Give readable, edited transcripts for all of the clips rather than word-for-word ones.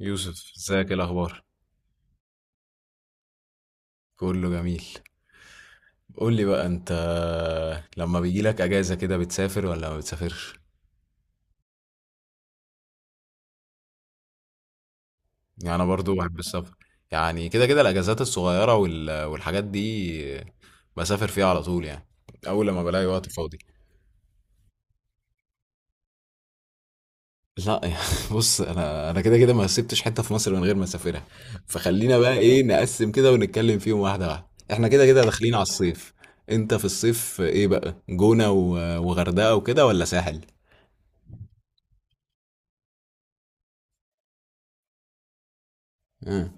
يوسف، ازيك؟ ايه الاخبار؟ كله جميل. قول لي بقى انت، لما بيجي لك اجازه كده بتسافر ولا ما بتسافرش؟ يعني انا برضو بحب السفر. يعني كده كده الاجازات الصغيره والحاجات دي بسافر فيها على طول، يعني اول لما بلاقي وقت فاضي. لا يعني. بص، انا كده كده ما سبتش حته في مصر من غير ما اسافرها. فخلينا بقى ايه، نقسم كده ونتكلم فيهم واحده واحده. احنا كده كده داخلين على الصيف. انت في الصيف ايه بقى، جونه وغردقه وكده ولا ساحل؟ آه.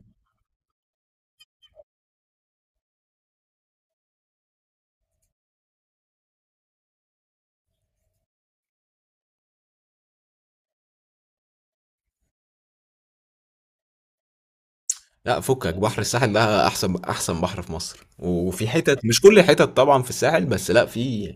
لا، فكك، بحر الساحل ده احسن احسن بحر في مصر، وفي حتت، مش كل الحتت طبعا في الساحل، بس لا، في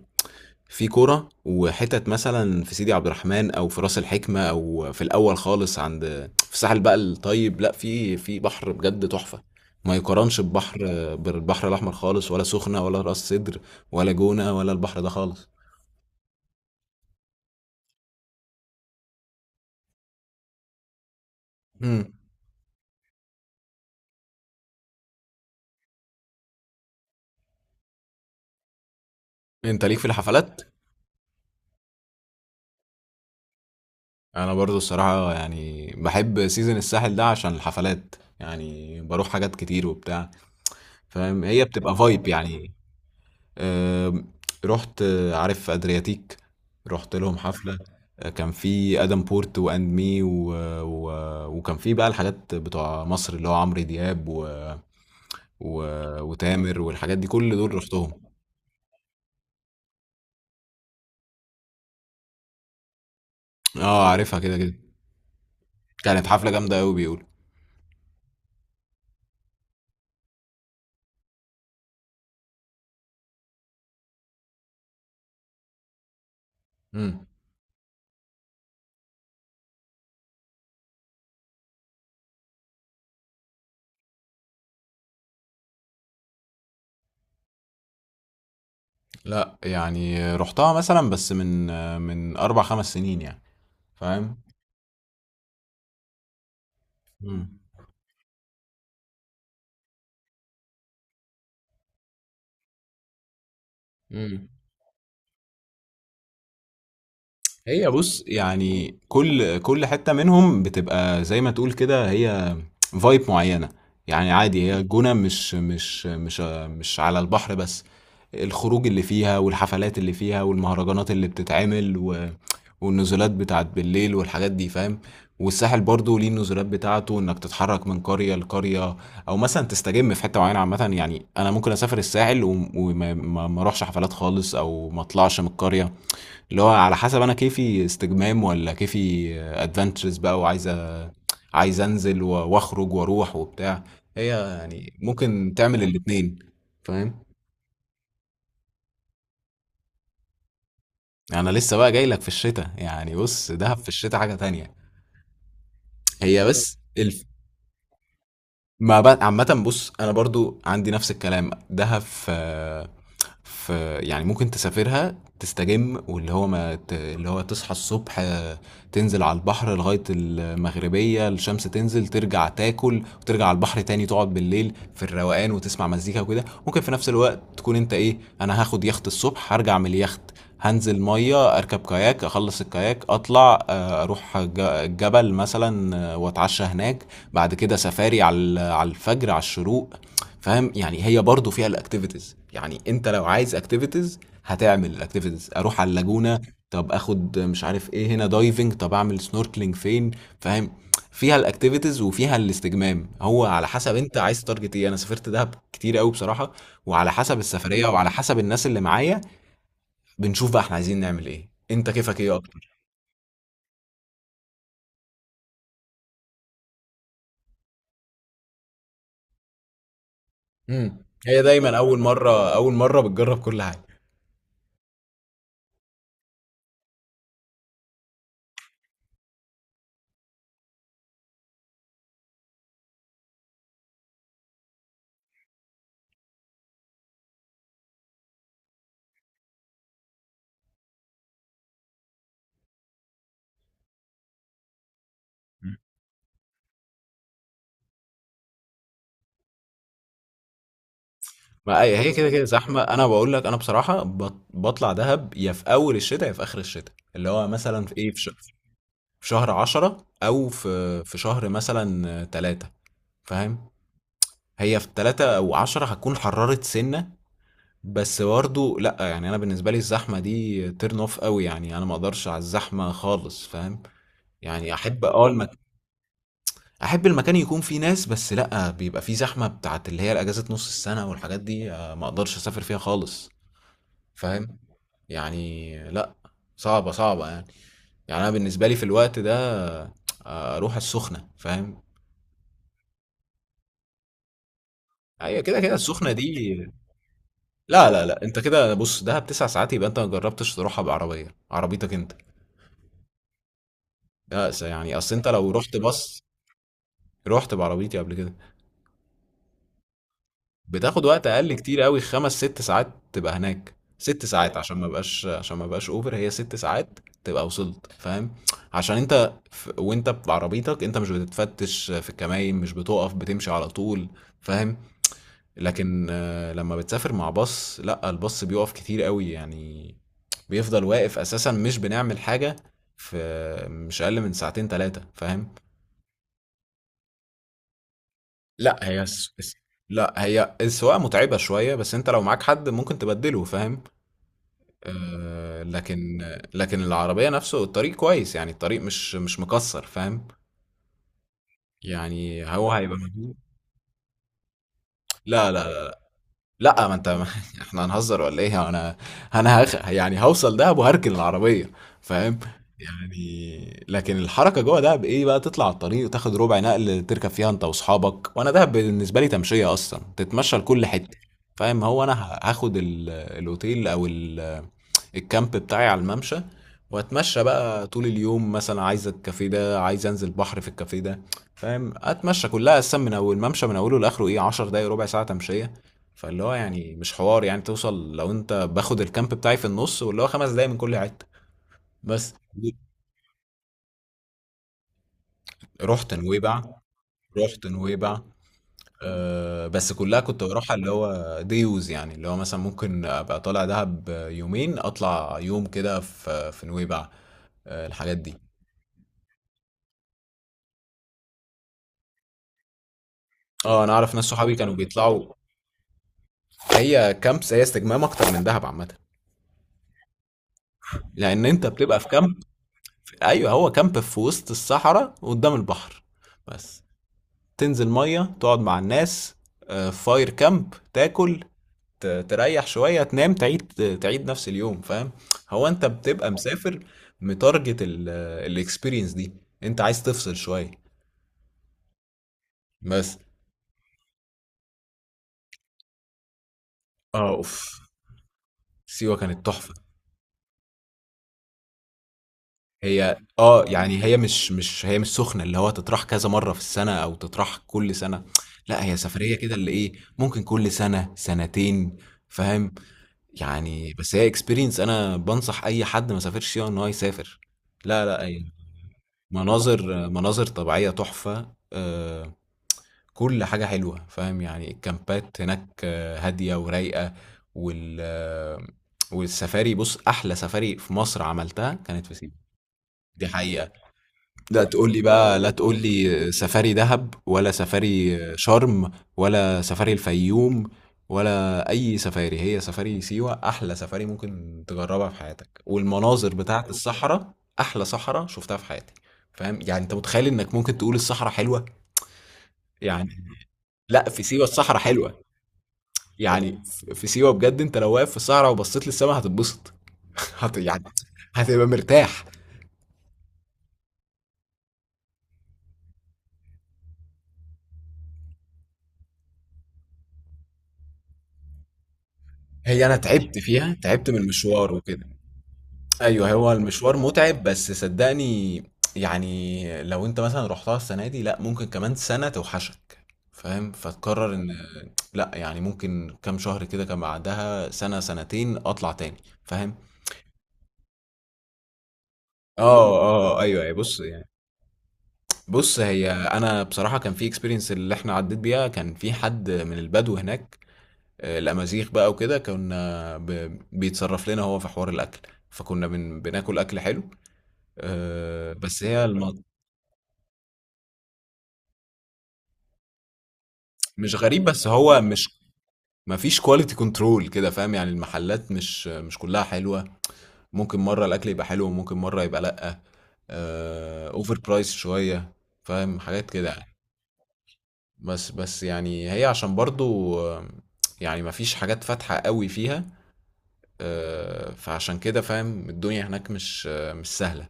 في كرة وحتت مثلا في سيدي عبد الرحمن او في راس الحكمة او في الاول خالص، عند في الساحل بقى الطيب، لا في بحر بجد تحفة، ما يقارنش ببحر، بالبحر الاحمر خالص، ولا سخنة، ولا راس سدر، ولا جونة، ولا البحر ده خالص. امم. انت ليك في الحفلات؟ انا برضو الصراحة، يعني بحب سيزن الساحل ده عشان الحفلات، يعني بروح حاجات كتير وبتاع، فاهم؟ هي بتبقى فايب يعني. آم، رحت، عارف ادرياتيك؟ رحت لهم حفلة. كان في ادم بورت واند مي و... وكان في بقى الحاجات بتوع مصر اللي هو عمرو دياب و... وتامر والحاجات دي، كل دول رحتهم. اه، عارفها كده كده. كانت حفلة جامدة قوي بيقول. امم. لا يعني، رحتها مثلا بس من اربع خمس سنين يعني، فاهم؟ امم. هي، بص، يعني كل حتة منهم بتبقى زي ما تقول كده، هي فايب معينة. يعني عادي، هي الجونة مش على البحر بس، الخروج اللي فيها والحفلات اللي فيها والمهرجانات اللي بتتعمل والنزولات بتاعت بالليل والحاجات دي، فاهم؟ والساحل برضو ليه النزولات بتاعته، انك تتحرك من قرية لقرية او مثلا تستجم في حتة معينة. عامة يعني انا ممكن اسافر الساحل وم- وما ما- ما اروحش حفلات خالص، او ما اطلعش من القرية، اللي هو على حسب انا، كيفي استجمام ولا كيفي ادفنتشرز بقى، وعايز عايز انزل واخرج واروح وبتاع. هي يعني ممكن تعمل الاتنين. فاهم؟ انا لسه بقى جاي لك في الشتاء، يعني بص، دهب في الشتاء حاجة تانية. هي بس ما بقى. عامة بُص، أنا برضه عندي نفس الكلام، دهب ف يعني ممكن تسافرها تستجم، واللي هو ما ت اللي هو تصحى الصبح، تنزل على البحر لغاية المغربية، الشمس تنزل، ترجع تاكل وترجع على البحر تاني، تقعد بالليل في الروقان وتسمع مزيكا وكده. ممكن في نفس الوقت تكون أنت، إيه، أنا هاخد يخت الصبح، هارجع من اليخت، هانزل مَيّة، أركب كاياك، أخلّص الكاياك، أطلع، أروح جبل مثلًا، وأتعشى هناك، بعد كده سفاري على على الفجر على الشروق. فاهم؟ يعني هي برضو فيها الاكتيفيتيز. يعني انت لو عايز اكتيفيتيز هتعمل الاكتيفيتيز. اروح على اللاجونة، طب اخد مش عارف ايه هنا دايفنج، طب اعمل سنوركلينج فين، فاهم؟ فيها الاكتيفيتيز وفيها الاستجمام، هو على حسب انت عايز تارجت ايه. انا سافرت دهب كتير قوي بصراحة، وعلى حسب السفرية وعلى حسب الناس اللي معايا، بنشوف بقى احنا عايزين نعمل ايه. انت كيفك ايه اكتر؟ امم. هي دايما اول مرة بتجرب كل حاجة. ما هي، كده كده زحمه. انا بقول لك انا بصراحه بطلع دهب يا في اول الشتاء يا في اخر الشتاء، اللي هو مثلا في، ايه، في شهر عشرة، او في شهر مثلا تلاتة، فاهم؟ هي في تلاتة او عشرة هتكون حررت سنه. بس برضه، لا يعني، انا بالنسبه لي الزحمه دي تيرن اوف قوي، يعني انا ما اقدرش على الزحمه خالص، فاهم؟ يعني احب، احب المكان يكون فيه ناس، بس لا بيبقى فيه زحمه بتاعت اللي هي الاجازه نص السنه والحاجات دي، ما اقدرش اسافر فيها خالص. فاهم؟ يعني لأ، صعبة، صعبة يعني. يعني أنا بالنسبة لي في الوقت ده، أروح السخنة، فاهم؟ هي كده، كده السخنة دي. لا، لا، لأ، أنت كده بُص، دهب 9 ساعات يبقى أنت ما جرّبتش تروحها بعربية، عربيتك أنت. لأ، يعني أصل أنت لو رُحت bus... رُحت بعربيتي قبل كده. بتاخد وقت اقل كتير قوي، خمس ست ساعات. تبقى هناك ست ساعات، عشان ما بقاش اوفر، هي ست ساعات تبقى وصلت، فاهم؟ عشان انت وانت بعربيتك انت مش بتتفتش في الكماين، مش بتقف، بتمشي على طول، فاهم؟ لكن لما بتسافر مع باص، لا، الباص بيقف كتير قوي يعني، بيفضل واقف اساسا، مش بنعمل حاجة. في مش اقل من ساعتين ثلاثة، فاهم؟ لا هي الس- الس- لا هي السواقة متعبة شوية، بس انت لو معاك حد ممكن تبدله، فاهم؟ آه، لكن لكن العربية نفسه الطريق كويس، يعني الطريق مش مكسر، فاهم؟ يعني هو هيبقى مجهود. لا، لا، لا، لا، ما انت ما احنا هنهزر ولا ايه، انا يعني هوصل دهب وهركن العربية، فاهم؟ يعني، لكن الحركة جوه دهب، ايه بقى، تطلع على الطريق وتاخد ربع نقل تركب فيها انت واصحابك. وانا دهب بالنسبة لي تمشية اصلا، تتمشى لكل حتة. فاهم؟ هو انا هاخد الاوتيل او الكامب بتاعي على الممشى، واتمشى بقى طول اليوم، مثلا عايز الكافيه ده، عايز انزل بحر في الكافيه ده، فاهم؟ اتمشى كلها اصلا من اول الممشى من اوله لاخره، ايه، 10 دقايق ربع ساعه تمشيه. فاللي هو يعني مش حوار، يعني توصل لو انت باخد الكامب بتاعي في النص، واللي هو خمس دقايق من كل حته. بس، رحت نويبع، رحت نويبع. أه، بس كلها كنت بروحها اللي هو ديوز، يعني اللي هو مثلا ممكن ابقى طالع دهب يومين، اطلع يوم كده في نويبع. آه، الحاجات دي. اه، انا اعرف ناس صحابي كانوا بيطلعوا. هي كامبس، هي استجمام اكتر من دهب عامه. لان انت بتبقى في كامب. ايوه، هو كامب في وسط الصحراء قدام البحر. بس تنزل ميه، تقعد مع الناس، فاير كامب، تاكل، تريح شويه، تنام، تعيد نفس اليوم، فاهم؟ هو انت بتبقى مسافر، متارجت الاكسبيرينس دي، انت عايز تفصل شويه. بس، اه، اوف، سيوه كانت تحفه. هي يعني، هي مش مش هي مش سخنه اللي هو تطرح كذا مره في السنه او تطرح كل سنه. لا، هي سفريه كده اللي ايه، ممكن كل سنه سنتين، فاهم؟ يعني بس هي اكسبيرينس، انا بنصح اي حد ما سافرش فيها ان هو يسافر. لا، لا، اي، مناظر طبيعيه تحفه، آه، كل حاجه حلوه، فاهم؟ يعني الكامبات هناك، هاديه ورايقه، وال آه، والسفاري، بص احلى سفاري في مصر عملتها كانت في سيوه. دي حقيقه. لا تقول لي سفاري دهب ولا سفاري شرم ولا سفاري الفيوم ولا اي سفاري، هي سفاري سيوة احلى سفاري ممكن تجربها في حياتك، والمناظر بتاعت الصحراء احلى صحراء شفتها في حياتي. فاهم؟ يعني انت متخيل انك ممكن تقول الصحراء حلوة؟ يعني لا، في سيوة الصحراء حلوة يعني. في سيوة بجد انت لو واقف في الصحراء وبصيت للسماء هتتبسط. يعني هتبقى مرتاح. هي انا تعبت فيها، تعبت من المشوار وكده. أيوه، هو المشوار متعب، بس صدّقني يعني، لو أنت مثلًا رُحتها السنة دي، لأ، ممكن كمان سنة توحشك، فاهم؟ فتقرر إن لأ، يعني ممكن كام شهر كده كان، بعدها سنة، سنتين أطلع تاني، فاهم؟ آه، آه، أيوه، أيوه، بُص، هي أنا بصراحة كان في experience اللي إحنا عدّيت بيها، كان في حد من البدو هناك، الأمازيغ بقى وكده، كنا بيتصرّف لنا هو في حوار الأكل، فكنا بناكل أكل حلو. بس هي مش غريب، بس هو مش ما فيش كواليتي كنترول كده، فاهم؟ يعني المحلات مش كلها حلوة. ممكن مرة الأكل يبقى حلو، وممكن مرة يبقى لأ. اوفر برايس شوية، فاهم؟ حاجات كده يعني. بس يعني هي، عشان برضو، يعني ما فيش حاجات فاتحة قوي فيها، فعشان كده، فاهم؟ الدنيا هناك مش سهلة.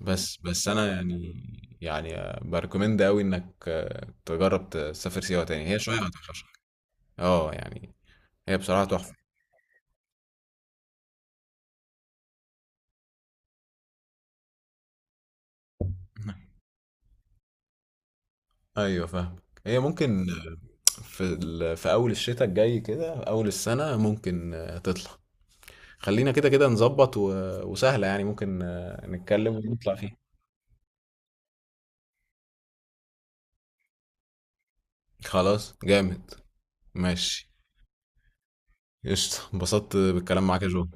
بس أنا يعني، يعني بريكومند قوي إنك، تجرب تسافر سيوة تاني، هي شوية هتوحشك. اه يعني، هي بصراحة تحفة. ايوه فاهم. هي ممكن في اول الشتاء الجاي كده، اول السنه ممكن، تطلع. خلينا كده كده نظبط وسهله يعني، ممكن نتكلم ونطلع فيه. خلاص، جامد، ماشي، قشطة. انبسطت بالكلام معاك يا جو.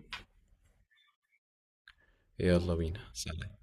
يلا بينا، سلام.